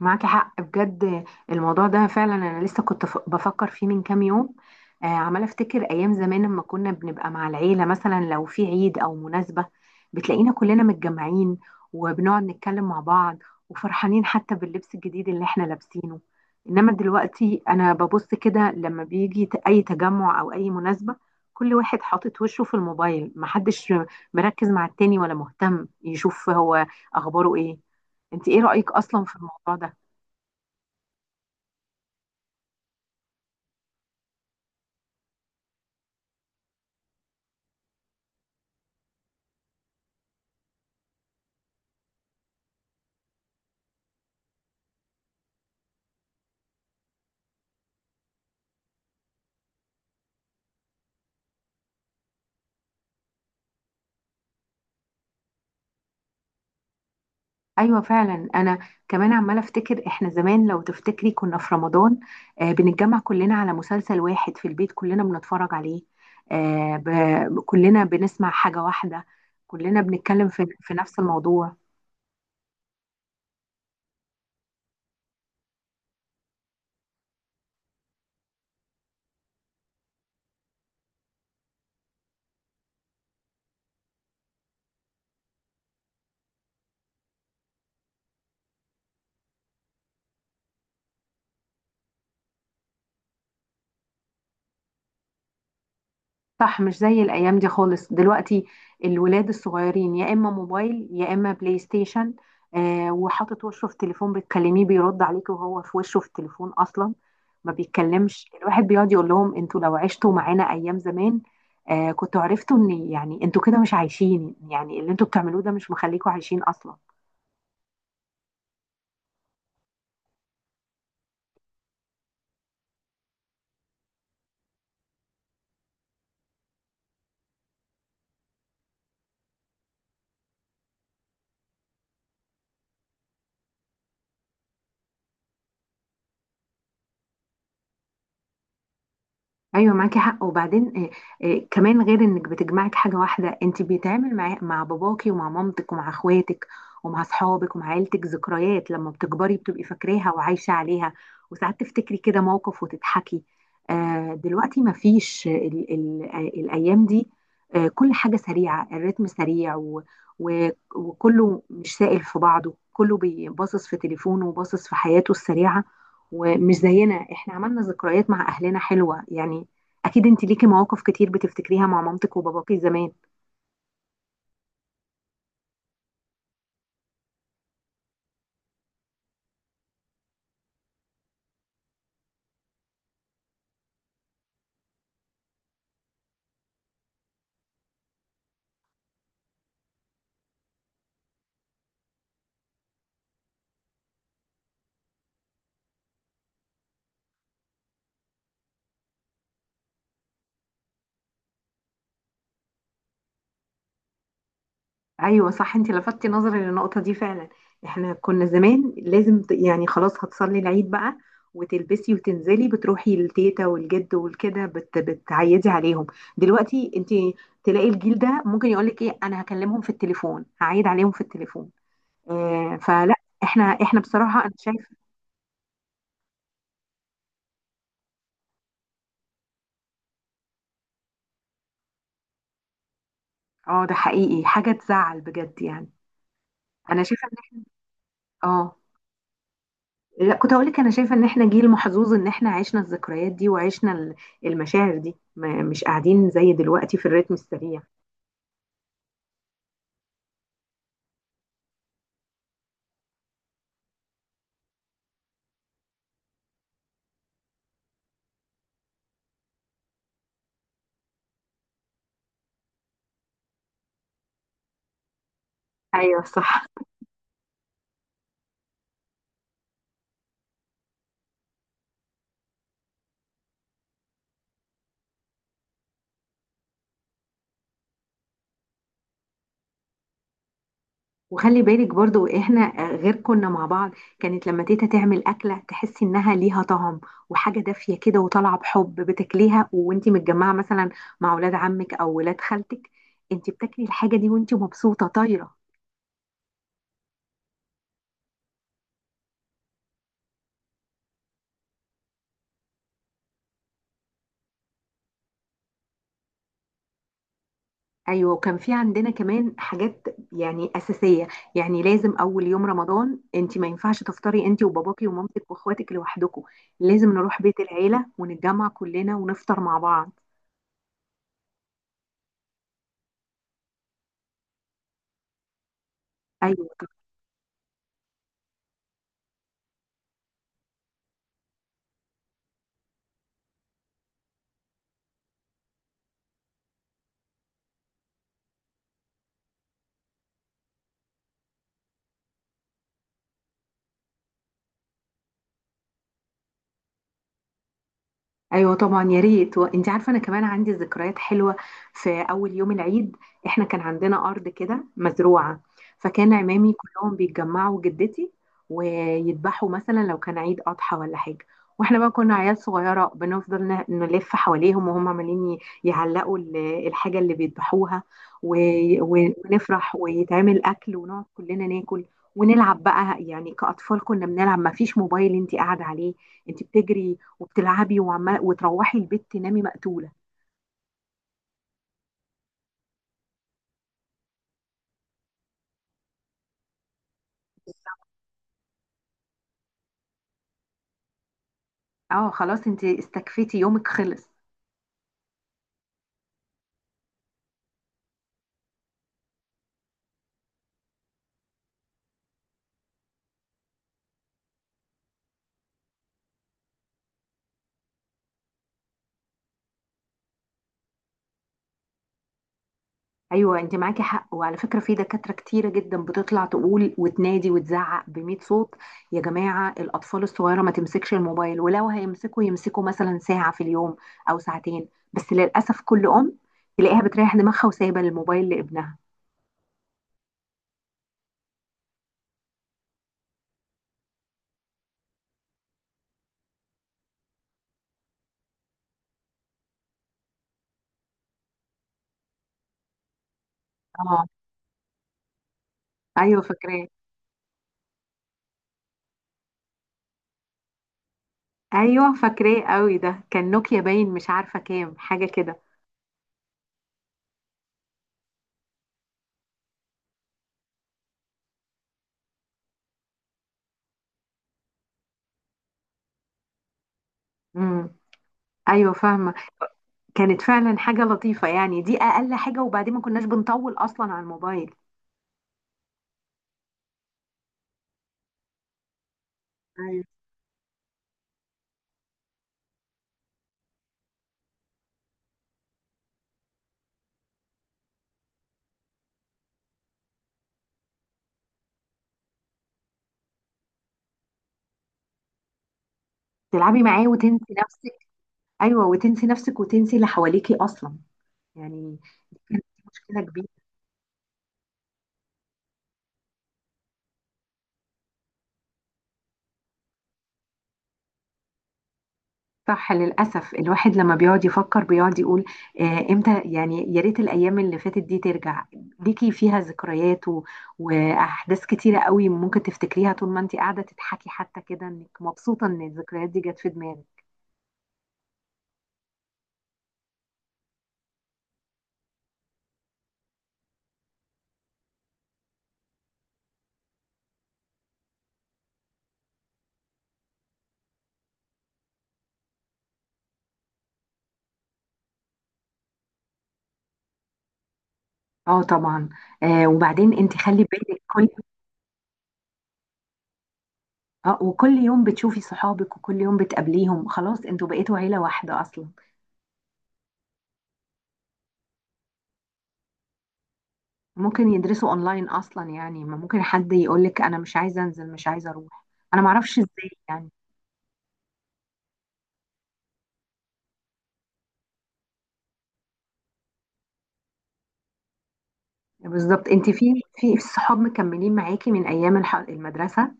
معاكي حق بجد. الموضوع ده فعلا انا لسه كنت بفكر فيه من كام يوم. عماله افتكر ايام زمان لما كنا بنبقى مع العيله، مثلا لو في عيد او مناسبه بتلاقينا كلنا متجمعين، وبنقعد نتكلم مع بعض، وفرحانين حتى باللبس الجديد اللي احنا لابسينه. انما دلوقتي انا ببص كده لما بيجي اي تجمع او اي مناسبه، كل واحد حاطط وشه في الموبايل، محدش مركز مع التاني ولا مهتم يشوف هو اخباره ايه. انت ايه رأيك اصلا في الموضوع ده؟ ايوه فعلا. انا كمان عماله افتكر احنا زمان، لو تفتكري كنا في رمضان، بنتجمع كلنا على مسلسل واحد في البيت كلنا بنتفرج عليه. كلنا بنسمع حاجه واحده، كلنا بنتكلم في نفس الموضوع. صح، مش زي الايام دي خالص. دلوقتي الولاد الصغيرين يا اما موبايل يا اما بلاي ستيشن، وحاطط وشه في تليفون، بتكلميه بيرد عليك وهو في وشه في التليفون، اصلا ما بيتكلمش. الواحد بيقعد يقول لهم انتوا لو عشتوا معانا ايام زمان كنتوا عرفتوا ان يعني انتوا كده مش عايشين، يعني اللي انتوا بتعملوه ده مش مخليكوا عايشين اصلا. ايوه معاكي حق. وبعدين كمان، غير انك بتجمعك حاجه واحده، انت بيتعامل مع باباكي ومع مامتك ومع اخواتك ومع اصحابك ومع عيلتك ذكريات، لما بتكبري بتبقي فاكراها وعايشه عليها، وساعات تفتكري كده موقف وتضحكي. دلوقتي ما فيش ال ال الايام دي، كل حاجه سريعه، الريتم سريع و و وكله مش سائل في بعضه، كله باصص في تليفونه وباصص في حياته السريعه. ومش زينا احنا عملنا ذكريات مع اهلنا حلوه يعني. اكيد انت ليكي مواقف كتير بتفتكريها مع مامتك وباباكي زمان. ايوه صح. انت لفتي نظري للنقطه دي فعلا. احنا كنا زمان لازم يعني خلاص هتصلي العيد بقى، وتلبسي وتنزلي، بتروحي للتيتا والجد والكده بتعيدي عليهم. دلوقتي انت تلاقي الجيل ده ممكن يقولك ايه، انا هكلمهم في التليفون، هعيد عليهم في التليفون. فلا، احنا بصراحه انا شايفه. اه، ده حقيقي حاجه تزعل بجد يعني. انا شايفه ان احنا، اه، لا كنت هقول لك انا شايفه ان احنا جيل محظوظ، ان احنا عشنا الذكريات دي وعشنا المشاعر دي، ما مش قاعدين زي دلوقتي في الريتم السريع. ايوه صح. وخلي بالك برضو احنا غير كنا مع بعض، كانت لما تيتا تعمل اكله تحسي انها ليها طعم وحاجه دافيه كده وطالعه بحب بتاكليها، وانتي متجمعه مثلا مع ولاد عمك او ولاد خالتك، انتي بتاكلي الحاجه دي وانتي مبسوطه طايره. ايوه، وكان في عندنا كمان حاجات يعني اساسيه، يعني لازم اول يوم رمضان انت ما ينفعش تفطري انت وباباكي ومامتك واخواتك لوحدكم، لازم نروح بيت العيله ونتجمع كلنا ونفطر مع بعض. ايوه. ايوه طبعا يا ريت. وانت عارفه انا كمان عندي ذكريات حلوه في اول يوم العيد. احنا كان عندنا ارض كده مزروعه، فكان عمامي كلهم بيتجمعوا جدتي ويذبحوا مثلا لو كان عيد اضحى ولا حاجه، واحنا بقى كنا عيال صغيره بنفضل نلف حواليهم، وهم عمالين يعلقوا الحاجه اللي بيذبحوها، و- ونفرح ويتعمل اكل ونقعد كلنا ناكل، ونلعب بقى يعني كأطفال كنا بنلعب، ما فيش موبايل انت قاعدة عليه، انت بتجري وبتلعبي وعمال وتروحي البيت تنامي مقتولة. اه، خلاص انت استكفيتي يومك خلص. ايوه، انت معاكي حق. وعلى فكره في دكاتره كتيره جدا بتطلع تقول وتنادي وتزعق بميت صوت: يا جماعه الاطفال الصغيره ما تمسكش الموبايل، ولو هيمسكوا يمسكوا مثلا ساعه في اليوم او ساعتين. بس للاسف كل ام تلاقيها بتريح دماغها وسايبه الموبايل لابنها. اه، ايوه فاكراه. ايوه فاكراه قوي، ده كان نوكيا باين مش عارفه كام حاجه كده. امم، ايوه فاهمه. كانت فعلا حاجة لطيفة يعني، دي أقل حاجة. وبعدين ما كناش بنطول أصلا على الموبايل. ايوه، تلعبي معاه وتنسي نفسك. أيوة، وتنسي نفسك وتنسي اللي حواليكي أصلا يعني، دي كانت مشكلة كبيرة. صح، للأسف. الواحد لما بيقعد يفكر بيقعد يقول: آه، إمتى يعني يا ريت الأيام اللي فاتت دي ترجع، ليكي فيها ذكريات وأحداث كتيرة قوي ممكن تفتكريها طول ما أنت قاعدة تضحكي حتى كده، إنك مبسوطة إن الذكريات دي جت في دماغك. اه طبعا. وبعدين انت خلي بالك، كل اه وكل يوم بتشوفي صحابك، وكل يوم بتقابليهم، خلاص انتوا بقيتوا عيلة واحدة اصلا. ممكن يدرسوا اونلاين اصلا يعني، ما ممكن حد يقولك انا مش عايزة انزل، مش عايزة اروح. انا معرفش ازاي يعني. بالظبط، انت في صحاب مكملين معاكي من ايام المدرسة.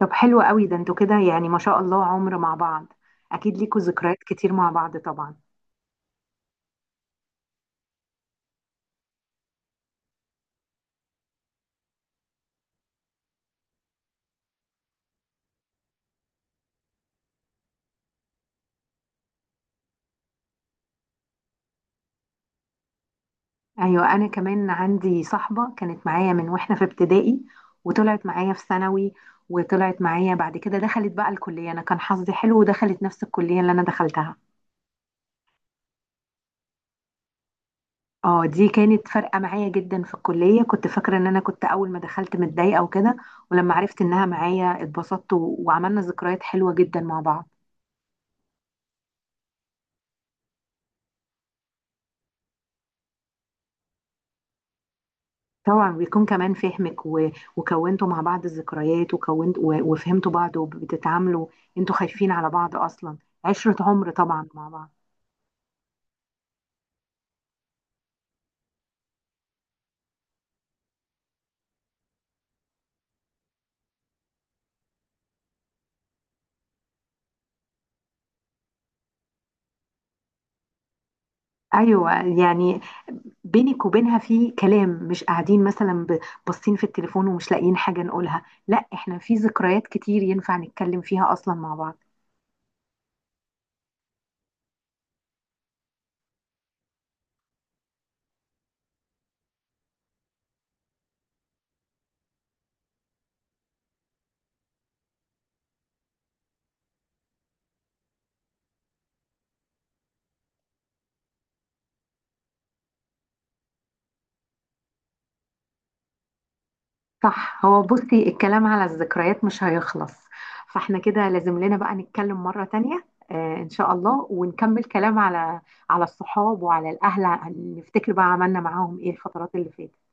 طب، حلو قوي ده. انتوا كده يعني ما شاء الله عمر مع بعض. اكيد ليكوا ذكريات كتير مع بعض طبعا. ايوه، انا كمان عندي صاحبه كانت معايا من واحنا في ابتدائي، وطلعت معايا في ثانوي، وطلعت معايا بعد كده دخلت بقى الكليه. انا كان حظي حلو ودخلت نفس الكليه اللي انا دخلتها. اه، دي كانت فارقه معايا جدا. في الكليه كنت فاكره ان انا كنت اول ما دخلت متضايقه وكده، ولما عرفت انها معايا اتبسطت، وعملنا ذكريات حلوه جدا مع بعض. طبعا، بيكون كمان فهمك، وكونتوا مع بعض الذكريات، وفهمتوا بعض وبتتعاملوا، انتوا خايفين على بعض اصلا، عشره عمر طبعا مع بعض. ايوه يعني بينك وبينها في كلام، مش قاعدين مثلا باصين في التليفون ومش لاقيين حاجه نقولها. لا احنا في ذكريات كتير ينفع نتكلم فيها اصلا مع بعض. صح، هو بصي الكلام على الذكريات مش هيخلص، فاحنا كده لازم لنا بقى نتكلم مره تانية. ان شاء الله، ونكمل كلام على الصحاب وعلى الاهل، نفتكر بقى عملنا معاهم ايه الفترات اللي فاتت.